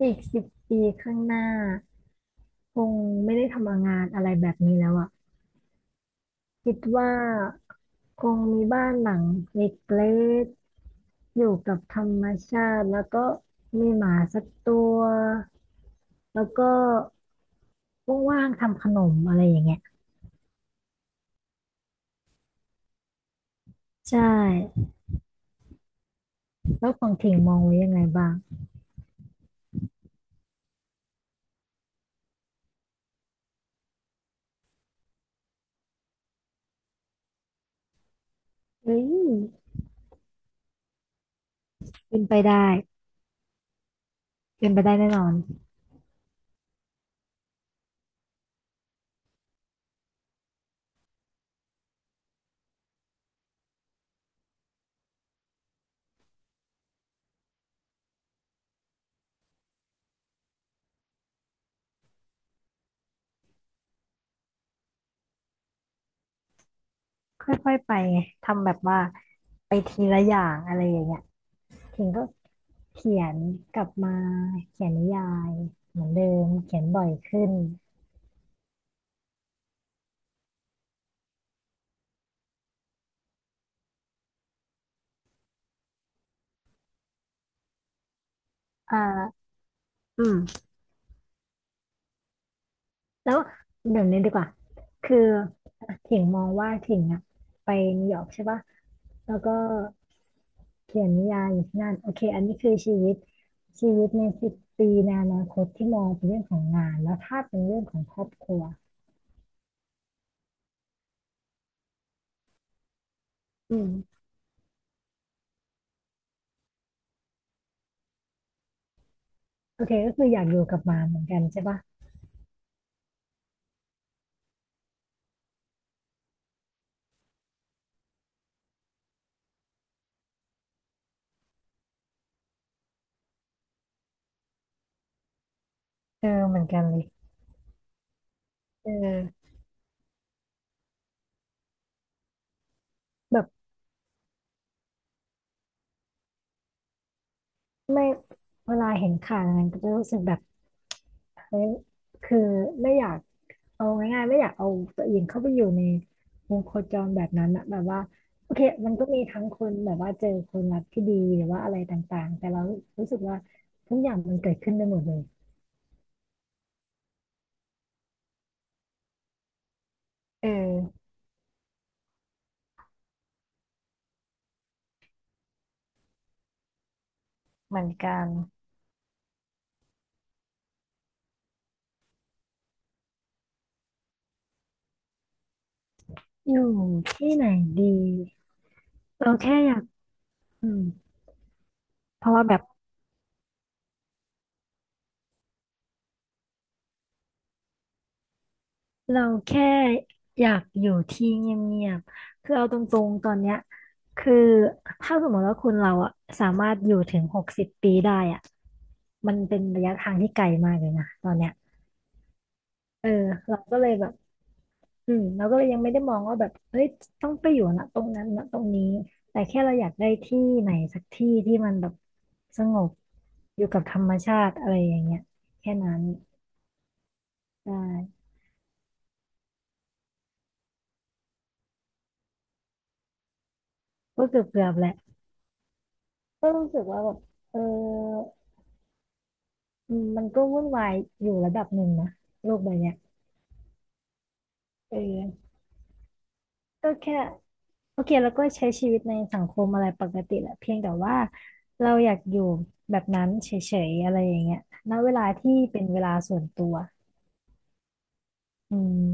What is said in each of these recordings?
อีก10 ปีข้างหน้าคงไม่ได้ทำงานอะไรแบบนี้แล้วอ่ะคิดว่าคงมีบ้านหลังเล็กๆอยู่กับธรรมชาติแล้วก็มีหมาสักตัวแล้วก็ว่างๆทำขนมอะไรอย่างเงี้ยใช่แล้วของถิ่งมองไว้ยังไงบ้างเฮ้ยเป็นไปได้เป็นไปได้แน่นอนค่อยๆไปไงทำแบบว่าไปทีละอย่างอะไรอย่างเงี้ยถิ่งก็ เขียนกลับมาเขียนนิยายเหมือนเดิมเขียนบ่อยขึ้นอ่าอืมแล้วเดี๋ยวนี้ดีกว่าคือถิงมองว่าถิงอะไปนิวยอร์กใช่ปะแล้วก็เขียนนิยายอยู่ที่นั่นโอเคอันนี้คือชีวิตชีวิตในสิบปีในอนาคตที่มองเป็นเรื่องของงานแล้วถ้าเป็นเรื่องของครอบครัวอืมโอเคก็คืออยากอยู่กับหมาเหมือนกันใช่ปะเออเหมือนกันเลยเออแบบไม่เวลาเห็นข่าวอะไรก็จะรู้สึกแบบ เฮ้ยคือไม่อยากเอาง่ายๆไม่อยากเอาตัวเองเข้าไปอยู่ในวงโคจรแบบนั้นอะแบบว่าโอเคมันก็มีทั้งคนแบบว่าเจอคนรักที่ดีหรือว่าอะไรต่างๆแต่เรารู้สึกว่าทุกอย่างมันเกิดขึ้นได้หมดเลยเออเหมือนกันอยู่ที่ไหนดีเราแค่อยากอืมเพราะว่าแบบเราแค่อยากอยู่ที่เงียบๆคือเอาตรงๆตอนเนี้ยคือถ้าสมมติว่าคุณเราอะสามารถอยู่ถึง60 ปีได้อะ มันเป็นระยะทางที่ไกลมากเลยนะตอนเนี้ยเออเราก็เลยแบบอืมเราก็เลยยังไม่ได้มองว่าแบบเฮ้ยต้องไปอยู่นะตรงนั้นนะตรงนี้ แต่แค่เราอยากได้ที่ไหนสักที่ที่มันแบบสงบอยู่กับธรรมชาติอะไรอย่างเงี้ยแค่นั้นได้ก็เกือบเกือบแหละก็รู้สึกว่าแบบเอออืมมันก็วุ่นวายอยู่ระดับหนึ่งนะโลกใบเนี้ยเออก็แค่ โอเคแล้วก็ใช้ชีวิตในสังคมอะไรปกติแหละเพียงแต่ว่าเราอยากอยู่แบบนั้นเฉยๆอะไรอย่างเงี้ยณเวลาที่เป็นเวลาส่วนตัวอืม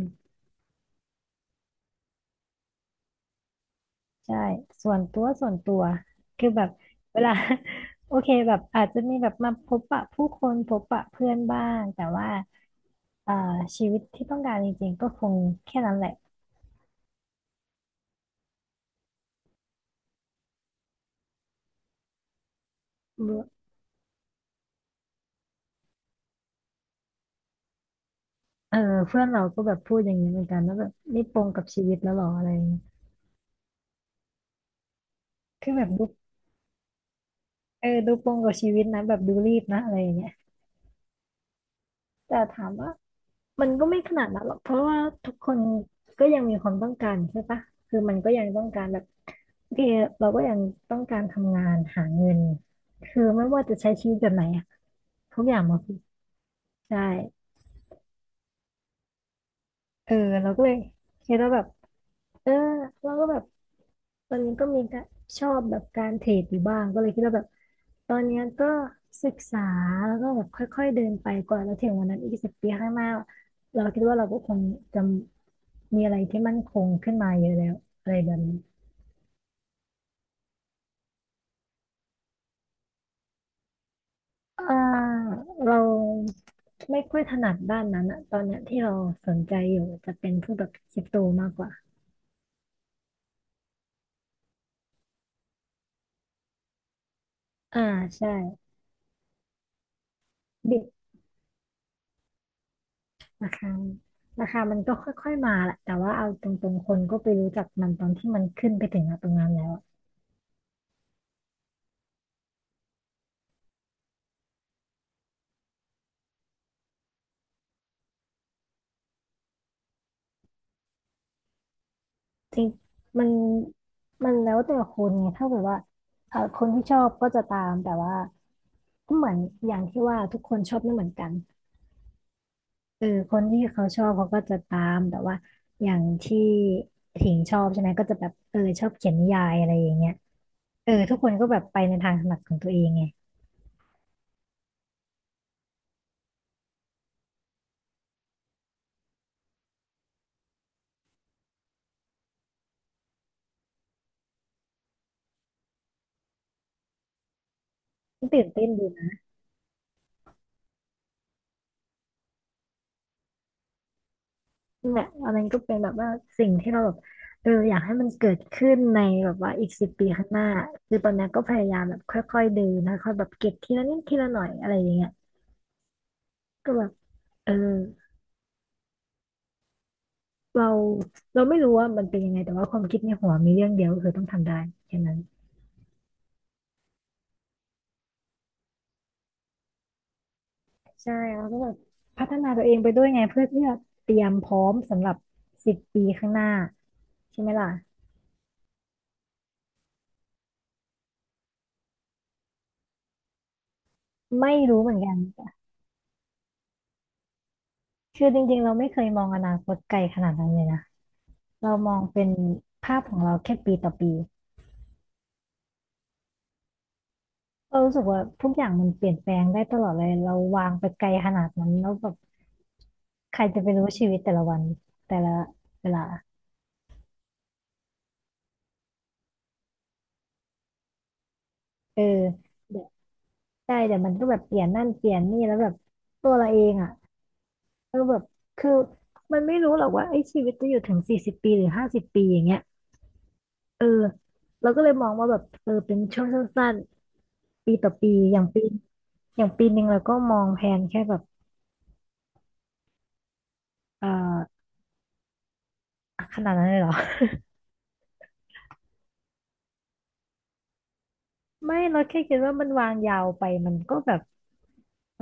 ใช่ส่วนตัวส่วนตัวคือแบบเวลา โอเคแบบอาจจะมีแบบมาพบปะผู้คนพบปะเพื่อนบ้างแต่ว่าเอ่อชีวิตที่ต้องการจริงๆก็คงแค่นั้นแหละเออเพื่อนเราก็แบบพูดอย่างนี้เหมือนกันว่าแบบนี่ปลงกับชีวิตแล้วหรออะไรอย่างเงี้ยคือแบบดูเออดูปลงกับชีวิตนะแบบดูรีบนะอะไรอย่างเงี้ย แต่ถามว่ามันก็ไม่ขนาดนั้นหรอกเพราะว่าทุกคนก็ยังมีความต้องการใช่ปะคือมันก็ยังต้องการแบบโอเคเราก็ยังต้องการทำงานหาเงินคือไม่ว่าจะใช้ชีวิตแบบไหนอะทุกอย่างมาคือใช่เออเราก็เลยคิดว่าแบบเออเราก็แบบ ตอนนี้ก็มีการชอบแบบการเทรดอยู่บ้างก็เลยคิดว่าแบบตอนเนี้ยก็ศึกษาแล้วก็แบบค่อยๆเดินไปกว่าแล้วถึงวันนั้นอีกสิบปีข้างหน้าเราคิดว่าเราก็คงจะมีอะไรที่มั่นคงขึ้นมาเยอะแล้วอะไรแบบนี้อ่าเราไม่ค่อยถนัดด้านนั้นอะตอนเนี้ยที่เราสนใจอยู่จะเป็นพวกแบบคริปโตมากกว่าอ่าใช่บิ ราคาราคามันก็ค่อยๆมาแหละแต่ว่าเอาตรงๆคนก็ไปรู้จักมันตอนที่มันขึ้นไปถึงตรงนั้นแล้วอะจริงมันมันแล้วแต่คนไงถ้าแบบว่าเออคนที่ชอบก็จะตามแต่ว่าก็เหมือนอย่างที่ว่าทุกคนชอบไม่เหมือนกันเออคนที่เขาชอบเขาก็จะตามแต่ว่าอย่างที่ถิงชอบใช่ไหมก็จะแบบเออชอบเขียนนิยายอะไรอย่างเงี้ยเออทุกคนก็แบบไปในทางถนัดของตัวเองไงตื่นเต้นดี นั่นแหละอันนั้นก็เป็นแบบว่าสิ่งที่เราแบบเอออยากให้มันเกิดขึ้นในแบบว่าอีกสิบปีข้างหน้าคือตอนนี้ก็พยายามแบบค่อยๆเดินค่อยๆแบบเก็บทีละนิดทีละหน่อยอะไรอย่างเงี้ยก็แบบเออเราเราไม่รู้ว่ามันเป็นยังไงแต่ว่าความคิดในหัวมีเรื่องเดียวก็คือต้องทำได้แค่นั้นใช่เราก็แบบพัฒนาตัวเองไปด้วยไงเพื่อที่จะเตรียมพร้อมสำหรับสิบปีข้างหน้าใช่ไหมล่ะไม่รู้เหมือนกันคือจริงๆเราไม่เคยมองอนาคตไกลขนาดนั้นเลยนะ เรามองเป็นภาพของเราแค่ปีต่อปีเรารู้สึกว่าทุกอย่างมันเปลี่ยนแปลงได้ตลอดเลยเราวางไปไกลขนาดนั้นแล้วแบบใครจะไปรู้ชีวิตแต่ละวันแต่ละเวลาเออเดี๋ยวใช่เดี๋ยวมันก็แบบเปลี่ยนนั่นเปลี่ยนนี่แล้วแบบตัวเราเองอ่ะก็แบบคือมันไม่รู้หรอกว่าไอ้ชีวิตจะอยู่ถึงสี่สิบปีหรือห้าสิบปีอย่างเงี้ยเออเราก็เลยมองว่าแบบเออเป็นช่วงสั้นๆปีต่อปีอย่างปีหนึ่งเราก็มองแผนแค่แบบเออขนาดนั้นเลยเหรอ ไม่เราแค่คิดว่ามันวางยาวไปมันก็แบบ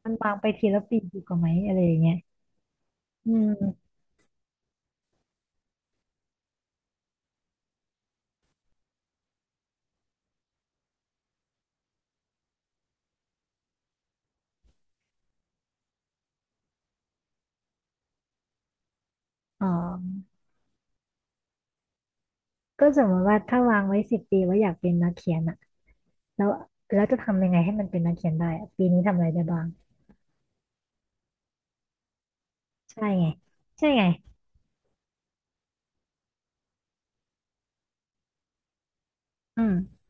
มันวางไปทีละปีดีกว่าไหมอะไรอย่างเงี้ยอืมอ๋อก็สมมติว่าถ้าวางไว้สิบปีว่าอยากเป็นนักเขียนอะแล้วจะทำยังไงให้มันเป็นนักเขียนได้อะปีนี้ทำอะไรได้บ้างใช่ไงใช่ไงอืม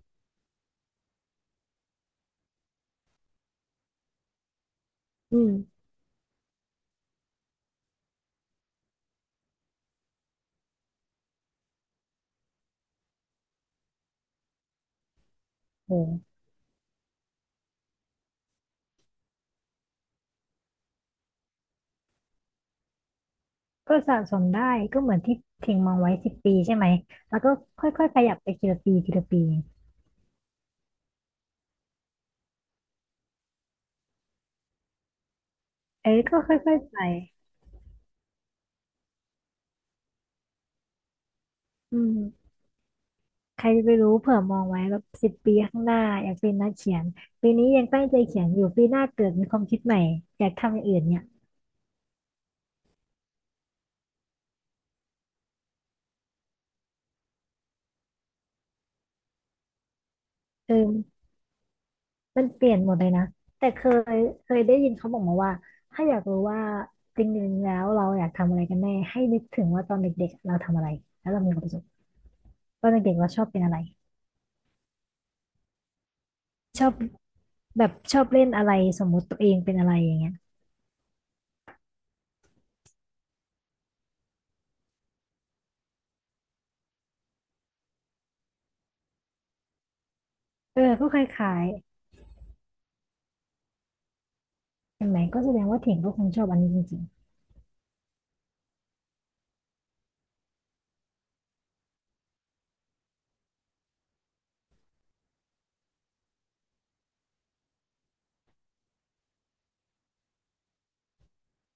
อืมโอ้ก็สะสมได้ก็เหมือนที่ทิ้งมองไว้สิบปีใช่ไหมแล้วก็ค่อยๆขยับไปทีละปีทีละปีเอ้ยก็ค่อยๆไปอืม ใครจะไปรู้เผื่อมองไว้แบบสิบปีข้างหน้าอยากเป็นนักเขียนปีนี้ยังตั้งใจเขียนอยู่ปีหน้าเกิดมีความคิดใหม่อยากทำอย่างอื่นเนี่ยเออมันเปลี่ยนหมดเลยนะแต่ยเคยได้ยินเขาบอกมาว่าถ้าอยากรู้ว่าจริงๆแล้วเราอยากทำอะไรกันแน่ให้นึกถึงว่าตอนเด็กๆเราทำอะไรแล้วเรามีความสุขตอนเด็กๆเราชอบเป็นอะไรชอบแบบชอบเล่นอะไรสมมุติตัวเองเป็นอะไรอย่างเงี้ยเออก็คล้ายๆเห็นไหมก็แสดงว่าถิ่งก็คงชอบอันนี้จริง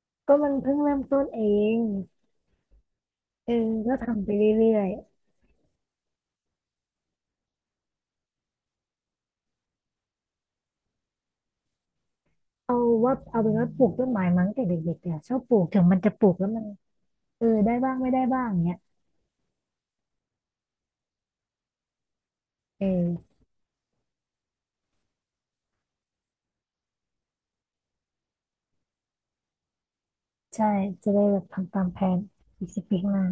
ๆก็มันเพิ่งเริ่มต้นเอง เออก็ทำไปเรื่อยๆเอาว่าเอาเป็นว่าปลูกต้นไม้มั้งแต่เด็กๆเนี่ยชอบปลูกถึงมันจะปลูกแล้วมันเออได้บ้างไม่ได้บ้างเนี้ยเออใช่จะได้แบบทำตามแผนอีกสิบปีข้างหน้า